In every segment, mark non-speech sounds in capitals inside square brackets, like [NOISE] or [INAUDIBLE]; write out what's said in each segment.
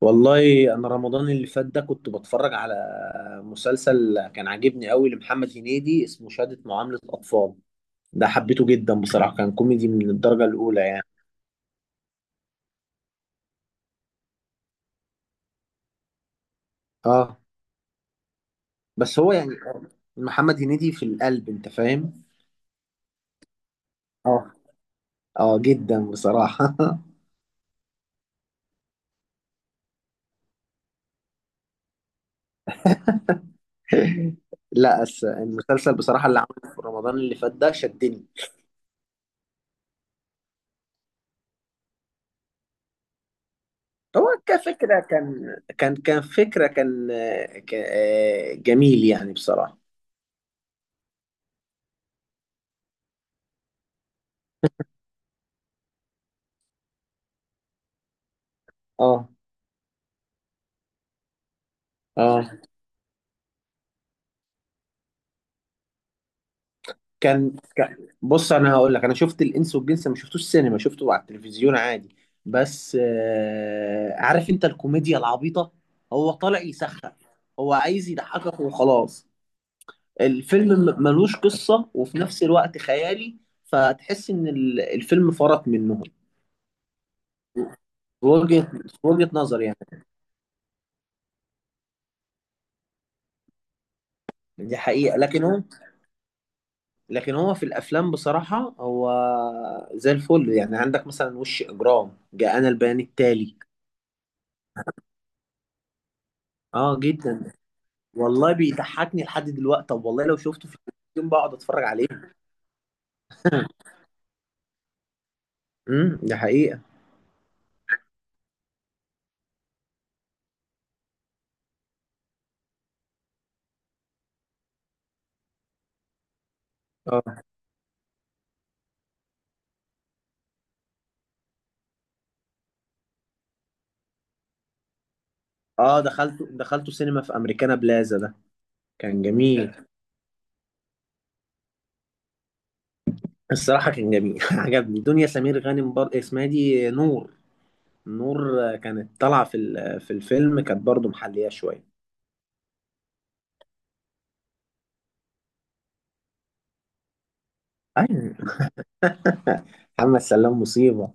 والله انا رمضان اللي فات ده كنت بتفرج على مسلسل كان عاجبني قوي لمحمد هنيدي، اسمه شهادة معاملة اطفال. ده حبيته جدا بصراحة، كان كوميدي من الدرجة الاولى يعني. اه. بس هو يعني محمد هنيدي في القلب، انت فاهم. اه. اه جدا بصراحة. [LAUGHS] لا أس... المسلسل بصراحة اللي عمله في رمضان اللي فات ده شدني. هو كفكرة كان فكرة كان آه، ك... آه، جميل يعني بصراحة. اه. اه. بص، انا هقول لك، انا شفت الانس والجنس، ما شفتوش سينما، شفته على التلفزيون عادي. بس عارف انت الكوميديا العبيطه، هو طالع يسخف، هو عايز يضحكك وخلاص. الفيلم ملوش قصه وفي نفس الوقت خيالي. فتحس ان الفيلم فرط منهم في وجهه. في وجهه نظر يعني. دي حقيقه، لكن هو، لكن هو في الافلام بصراحه، هو زي الفل. يعني عندك مثلا وش اجرام، جاءنا البيان التالي. اه جدا. والله بيضحكني لحد دلوقتي، طب والله لو شفته في التلفزيون بقعد اتفرج عليه. [LAUGHS] ده حقيقة. اه. اه دخلته سينما في امريكانا بلازا ده، كان جميل. [LAUGHS] الصراحة كان جميل. [LAUGHS] عجبني دنيا سمير غانم، اسمها إيه دي، نور. نور. كانت طالعة في في الفيلم، كانت برضو محلية شوية. ايوه. [LAUGHS] محمد سلام مصيبة.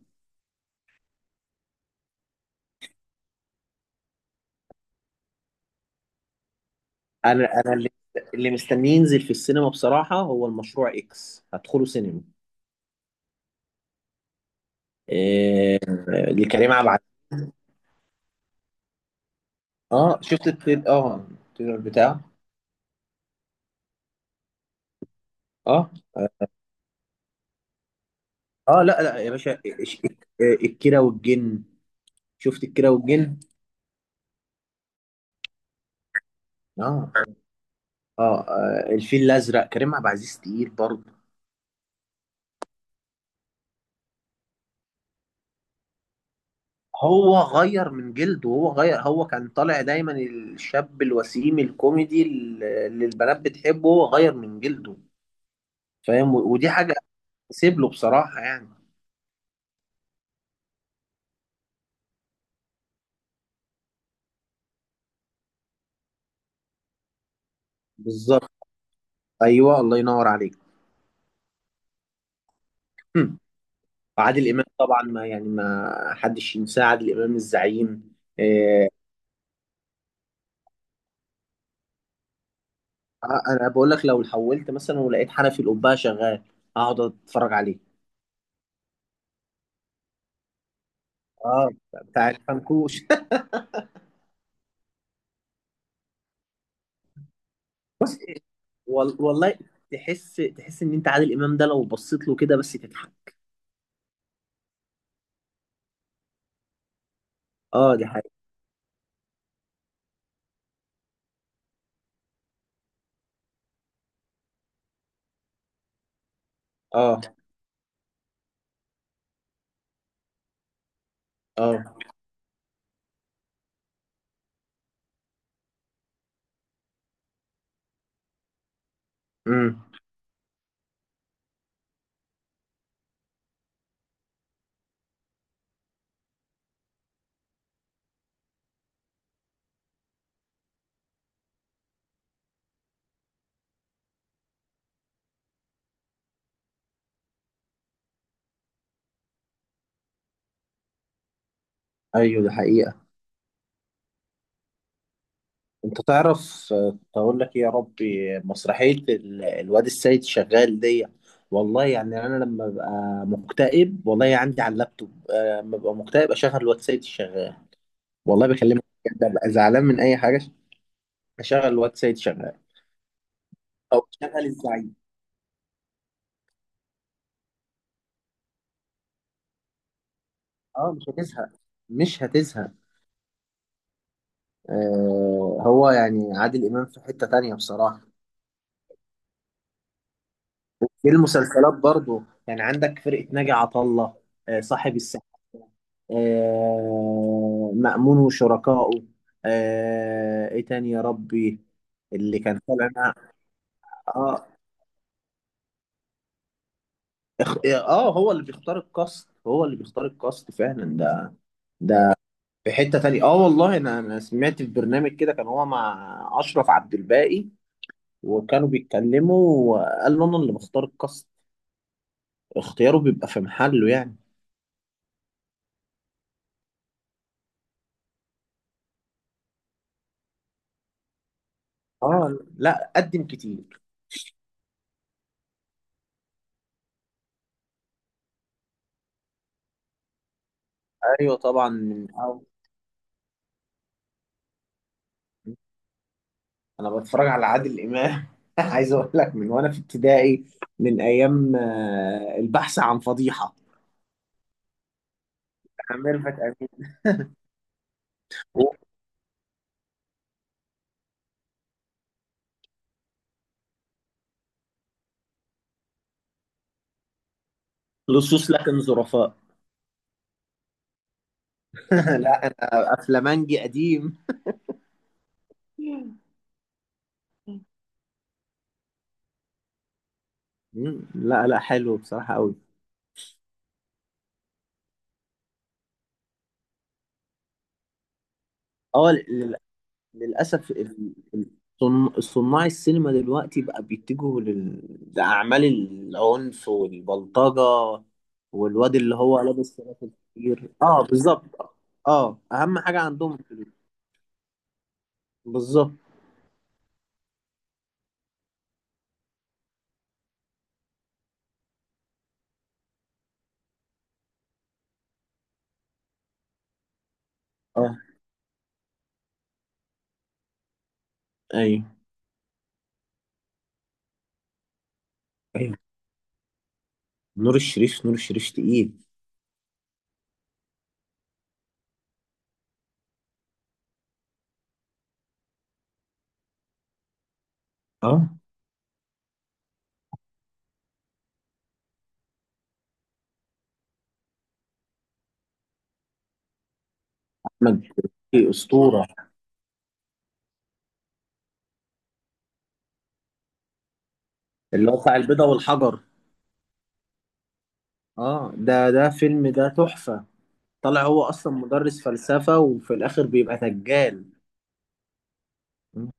انا اللي مستني ينزل في السينما بصراحة هو المشروع اكس، هدخله سينما. إيه... لكريم عبد. اه، شفت التريلر بتاعه. اه. اه، لا لا يا باشا، إيه، الكيرة والجن. شفت الكيرة والجن. اه. اه الفيل الازرق، كريم عبد العزيز تقيل برضه. هو غير من جلده، هو غير هو كان طالع دايما الشاب الوسيم الكوميدي اللي البنات بتحبه، هو غير من جلده، فاهم. ودي حاجة، سيب له بصراحة يعني. بالظبط. ايوه الله ينور عليك. هم. عادل امام طبعا، ما يعني ما حدش ينساه، عادل امام الزعيم. آه. انا بقول لك، لو حولت مثلا ولقيت حنفي القبه شغال، اقعد اتفرج عليه. اه بتاع الفنكوش. [LAUGHS] بص، والله تحس ان انت عادل امام ده لو بصيت له كده بس تضحك. اه دي حقيقة. اه. اه. امم. ايوه دي حقيقة. انت تعرف، اقول لك إيه يا ربي، مسرحية الواد السيد شغال دي. والله يعني انا لما ببقى مكتئب، والله عندي على اللابتوب، لما ببقى مكتئب اشغل الواد السيد الشغال. والله بكلمك بجد، ببقى زعلان من اي حاجة، اشغل الواد سيد شغال، او اشغل الزعيم. اه مش هتزهق. مش هتزهق. آه. هو يعني عادل امام في حتة تانية بصراحة. في المسلسلات برضو، يعني عندك فرقة ناجي عطا الله، آه صاحب الساعة، آه مأمون وشركائه، آه ايه تاني يا ربي. اللي كان طالع معاه. اه. اه هو اللي بيختار الكاست، هو اللي بيختار الكاست فعلا ده. في حتة تانية. اه والله انا، سمعت في برنامج كده كان هو مع اشرف عبد الباقي وكانوا بيتكلموا، وقال له انا اللي بختار الكاست. اختياره بيبقى في محله يعني. اه لا قدم كتير. ايوه طبعا من أول. انا بتفرج على عادل امام [LAUGHS] عايز اقول لك، من وانا في ابتدائي، من ايام البحث عن فضيحة بتاع ميرفت امين. لصوص لكن ظرفاء. [LAUGHS] لا انا افلامنجي قديم. [LAUGHS] مم. لا لا حلو بصراحة قوي. اه للأسف، صناع السينما دلوقتي بقى بيتجهوا لأعمال العنف والبلطجة، والواد اللي هو لابس سلاحف كتير. اه بالظبط. اه أهم حاجة عندهم الفلوس. بالظبط. اه. ايوه. ايوه نور الشريف. نور الشريف تقيل. اه أحمد مكي أسطورة. اللي هو بتاع البيضة والحجر. اه، ده ده فيلم، ده تحفة. طلع هو أصلا مدرس فلسفة وفي الآخر بيبقى دجال. مم.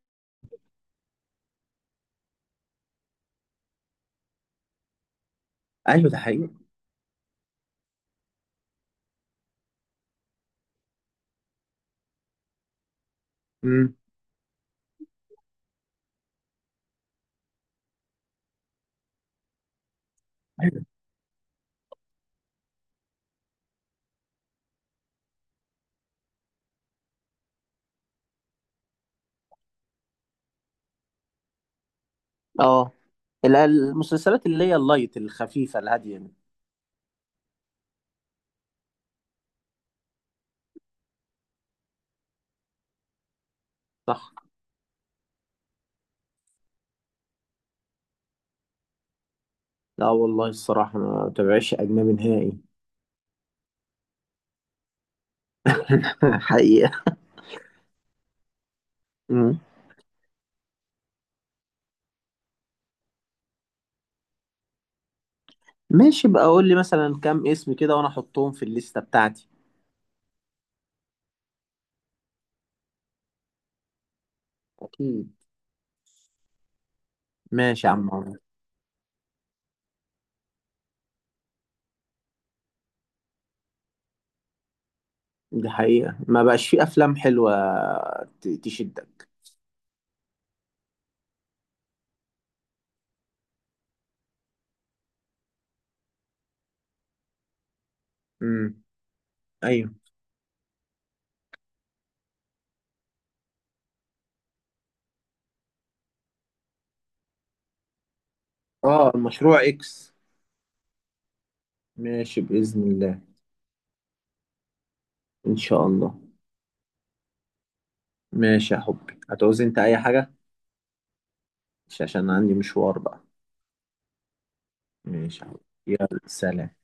ايوه ده حقيقي. مم. اه المسلسلات اللي هي اللايت الخفيفة الهادية دي. صح. لا والله الصراحة ما بتابعش أجنبي نهائي. [LAUGHS] حقيقة. مم. ماشي بقى، قول لي مثلا كام اسم كده وأنا أحطهم في الليستة بتاعتي. أكيد. ماشي يا عم عمرو. دي حقيقة، ما بقاش في أفلام حلوة تشدك. مم. أيوه. آه المشروع إكس. ماشي بإذن الله. إن شاء الله. ماشي يا حبي، هتعوز أنت أي حاجة؟ مش عشان عندي مشوار بقى. ماشي يا حبي. يلا سلام.